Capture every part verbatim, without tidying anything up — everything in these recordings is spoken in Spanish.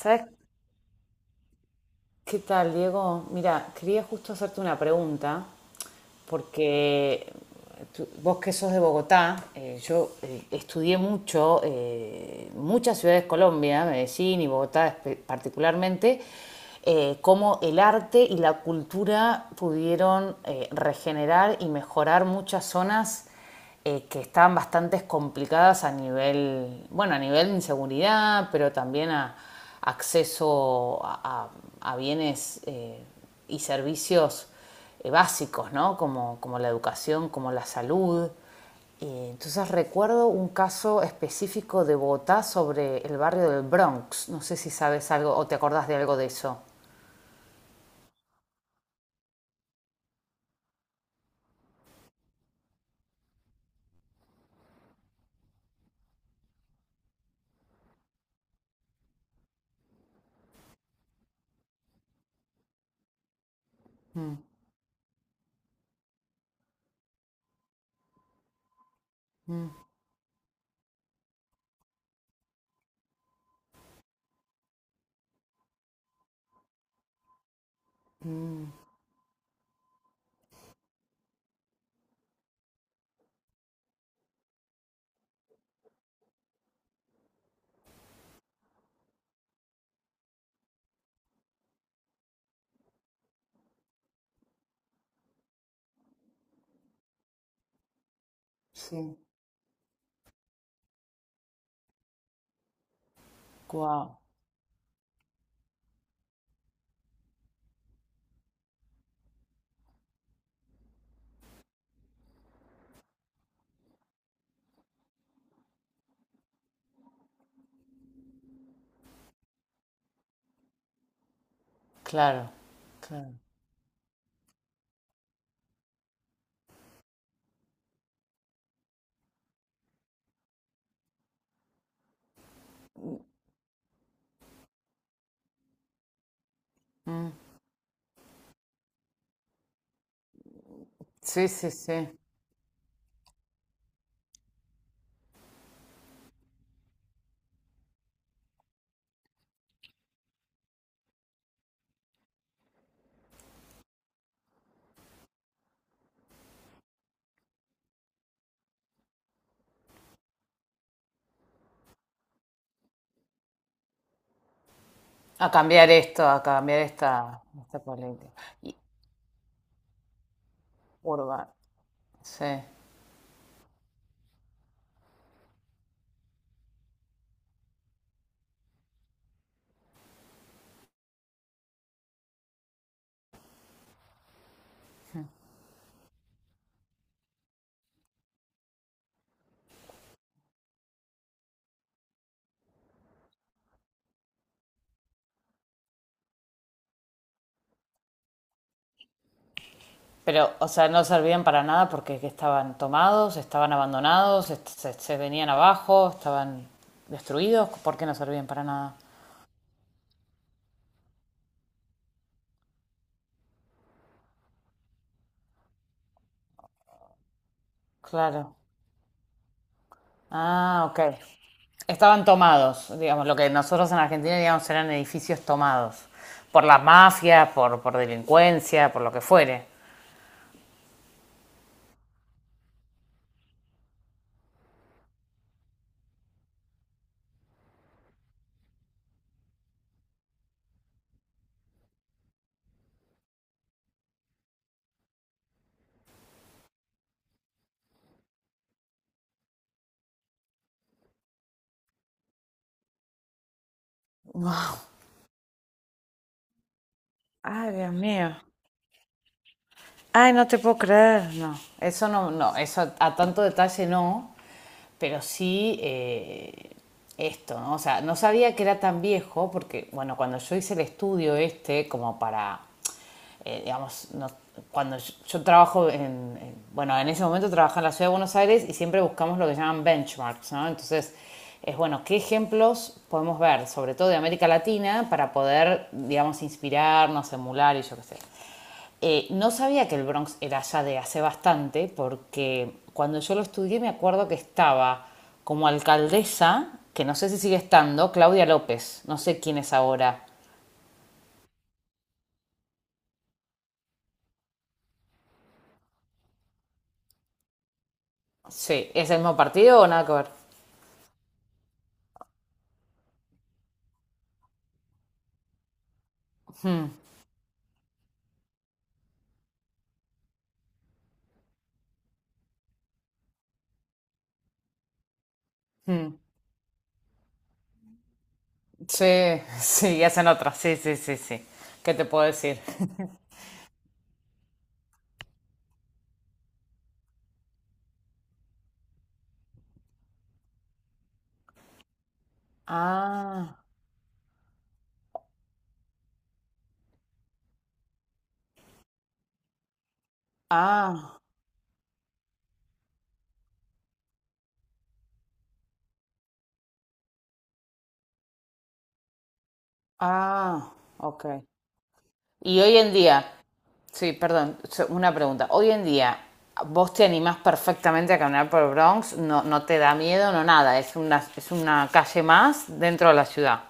¿Sabes qué tal, Diego? Mira, quería justo hacerte una pregunta porque tú- vos que sos de Bogotá, eh, yo eh, estudié mucho, eh, muchas ciudades de Colombia, Medellín y Bogotá particularmente, eh, cómo el arte y la cultura pudieron eh, regenerar y mejorar muchas zonas eh, que estaban bastante complicadas a nivel, bueno, a nivel de inseguridad, pero también a acceso a, a- a bienes eh, y servicios eh, básicos, ¿no? Como, como la educación, como la salud. Eh, entonces recuerdo un caso específico de Bogotá sobre el barrio del Bronx. No sé si sabes algo o te acordás de algo de eso. Mm, mm, mm, sí. Wow. Claro, claro. Mm. Sí, sí, sí. A cambiar esto, a cambiar esta, esta política. Y urbana. Sí. Pero, o sea, no servían para nada porque estaban tomados, estaban abandonados, est- se, se venían abajo, estaban destruidos. ¿Por qué no servían para nada? Claro. Ah, ok. Estaban tomados, digamos, lo que nosotros en Argentina, digamos, eran edificios tomados. Por la mafia, por, por delincuencia, por lo que fuere. Ah, Dios mío. Ay, no te puedo creer, no. Eso no, no, eso a tanto detalle no, pero sí eh, esto, ¿no? O sea, no sabía que era tan viejo, porque, bueno, cuando yo hice el estudio este, como para, eh, digamos, no- cuando yo, yo trabajo en, en- bueno, en ese momento trabajaba en la ciudad de Buenos Aires y siempre buscamos lo que llaman benchmarks, ¿no? Entonces, es bueno, ¿qué ejemplos podemos ver, sobre todo de América Latina, para poder, digamos, inspirarnos, emular y yo qué sé? Eh, no sabía que el Bronx era ya de hace bastante, porque cuando yo lo estudié me acuerdo que estaba como alcaldesa, que no sé si sigue estando, Claudia López, no sé quién es ahora. Sí, ¿es el mismo partido o nada que ver? Mm, sí, sí, hacen otra, sí, sí, sí, sí. ¿Qué te puedo decir? Ah, ah, ah, ok. Y hoy en día, sí, perdón, so- una pregunta. Hoy en día, ¿vos te animás perfectamente a caminar por el Bronx? No, no te da miedo, no nada. Es una, es una calle más dentro de la ciudad.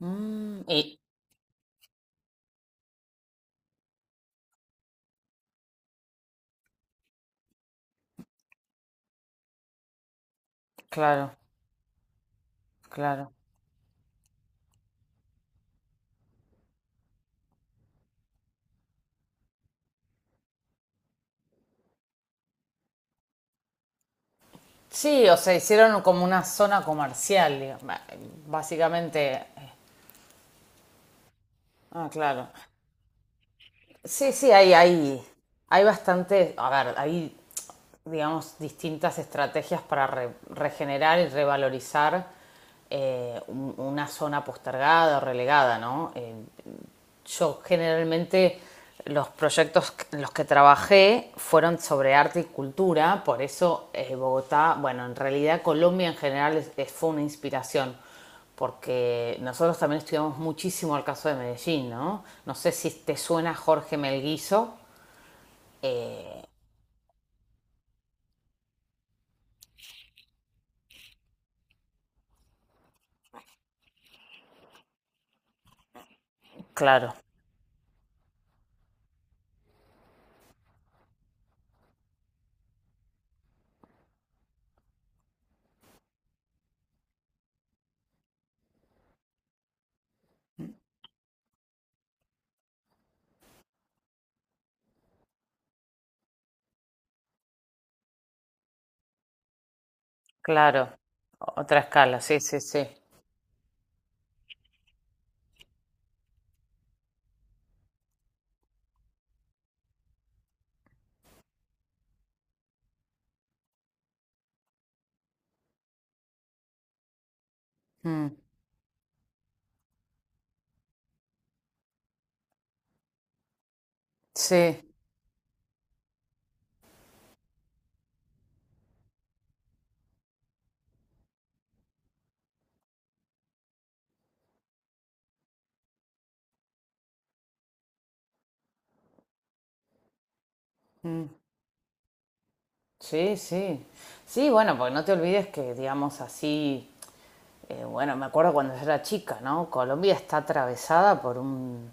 Mm, y claro, claro. Sí, o sea, hicieron como una zona comercial, digamos, ba- básicamente. Ah, claro. Sí, sí, hay, hay, hay bastante, a ver, hay digamos, distintas estrategias para re- regenerar y revalorizar eh, un- una zona postergada o relegada, ¿no? Eh, yo generalmente los proyectos en los que trabajé fueron sobre arte y cultura, por eso eh, Bogotá, bueno, en realidad Colombia en general es- es- fue una inspiración, porque nosotros también estudiamos muchísimo el caso de Medellín, ¿no? No sé si te suena Jorge Melguizo, eh, claro. Claro, otra escala, sí, sí, sí. Mm, sí, mm, sí, sí. Sí, bueno, porque no te olvides que, digamos así, eh, bueno, me acuerdo cuando yo era chica, ¿no? Colombia está atravesada por un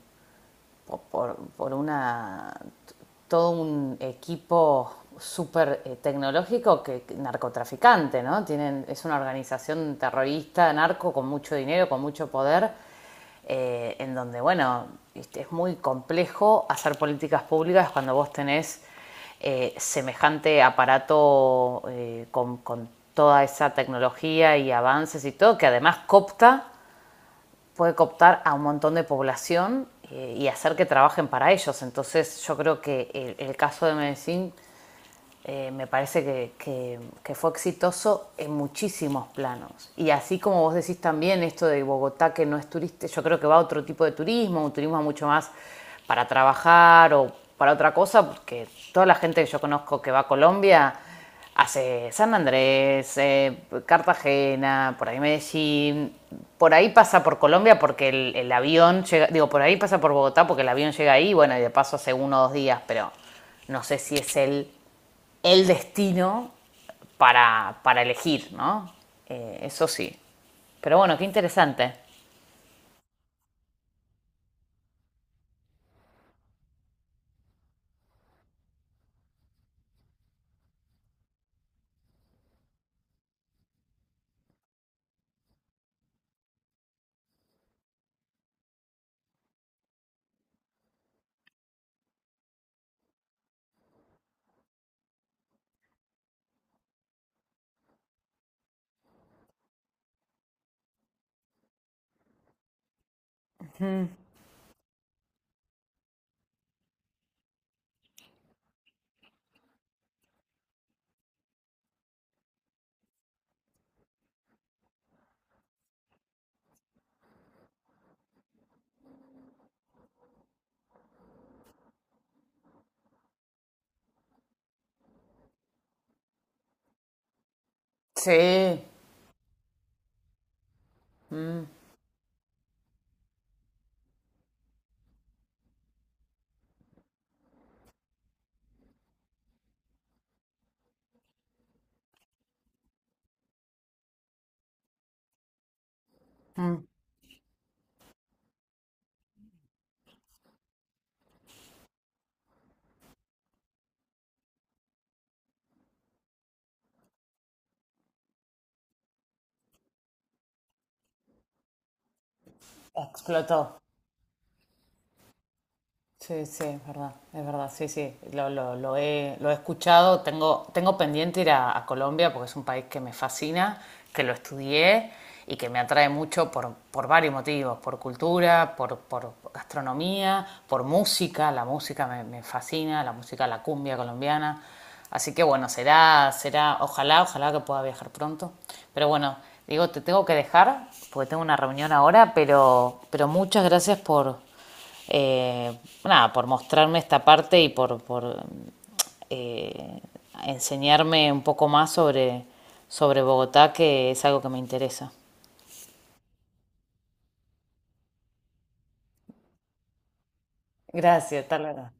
por, por una todo un equipo súper eh, tecnológico que que narcotraficante, ¿no? Tienen, es una organización terrorista, narco, con mucho dinero, con mucho poder, eh, en donde, bueno, este, es muy complejo hacer políticas públicas cuando vos tenés eh, semejante aparato eh, con, con toda esa tecnología y avances y todo, que además coopta puede cooptar a un montón de población eh, y hacer que trabajen para ellos. Entonces yo creo que el, el caso de Medellín eh, me parece que, que- que fue exitoso en muchísimos planos. Y así como vos decís también esto de Bogotá que no es turista, yo creo que va a otro tipo de turismo, un turismo mucho más para trabajar o para otra cosa, porque toda la gente que yo conozco que va a Colombia hace San Andrés, eh, Cartagena, por ahí Medellín, por ahí pasa por Colombia porque el, el avión llega, digo, por ahí pasa por Bogotá porque el avión llega ahí, bueno, y de paso hace uno o dos días, pero no sé si es el el destino para, para elegir, ¿no? Eh, eso sí. Pero bueno, qué interesante. Sí. Mm, mm, explotó. Sí, sí, es verdad, es verdad, sí, sí, lo, lo, lo he, lo he escuchado, tengo, tengo pendiente ir a, a Colombia porque es un país que me fascina, que lo estudié y que me atrae mucho por, por varios motivos, por cultura, por, por gastronomía, por música, la música me, me fascina, la música, la cumbia colombiana, así que bueno, será, será, ojalá, ojalá que pueda viajar pronto, pero bueno, digo, te tengo que dejar porque tengo una reunión ahora, pero, pero muchas gracias por eh, nada, por mostrarme esta parte y por, por eh, enseñarme un poco más sobre, sobre Bogotá, que es algo que me interesa. Gracias, tal verdad.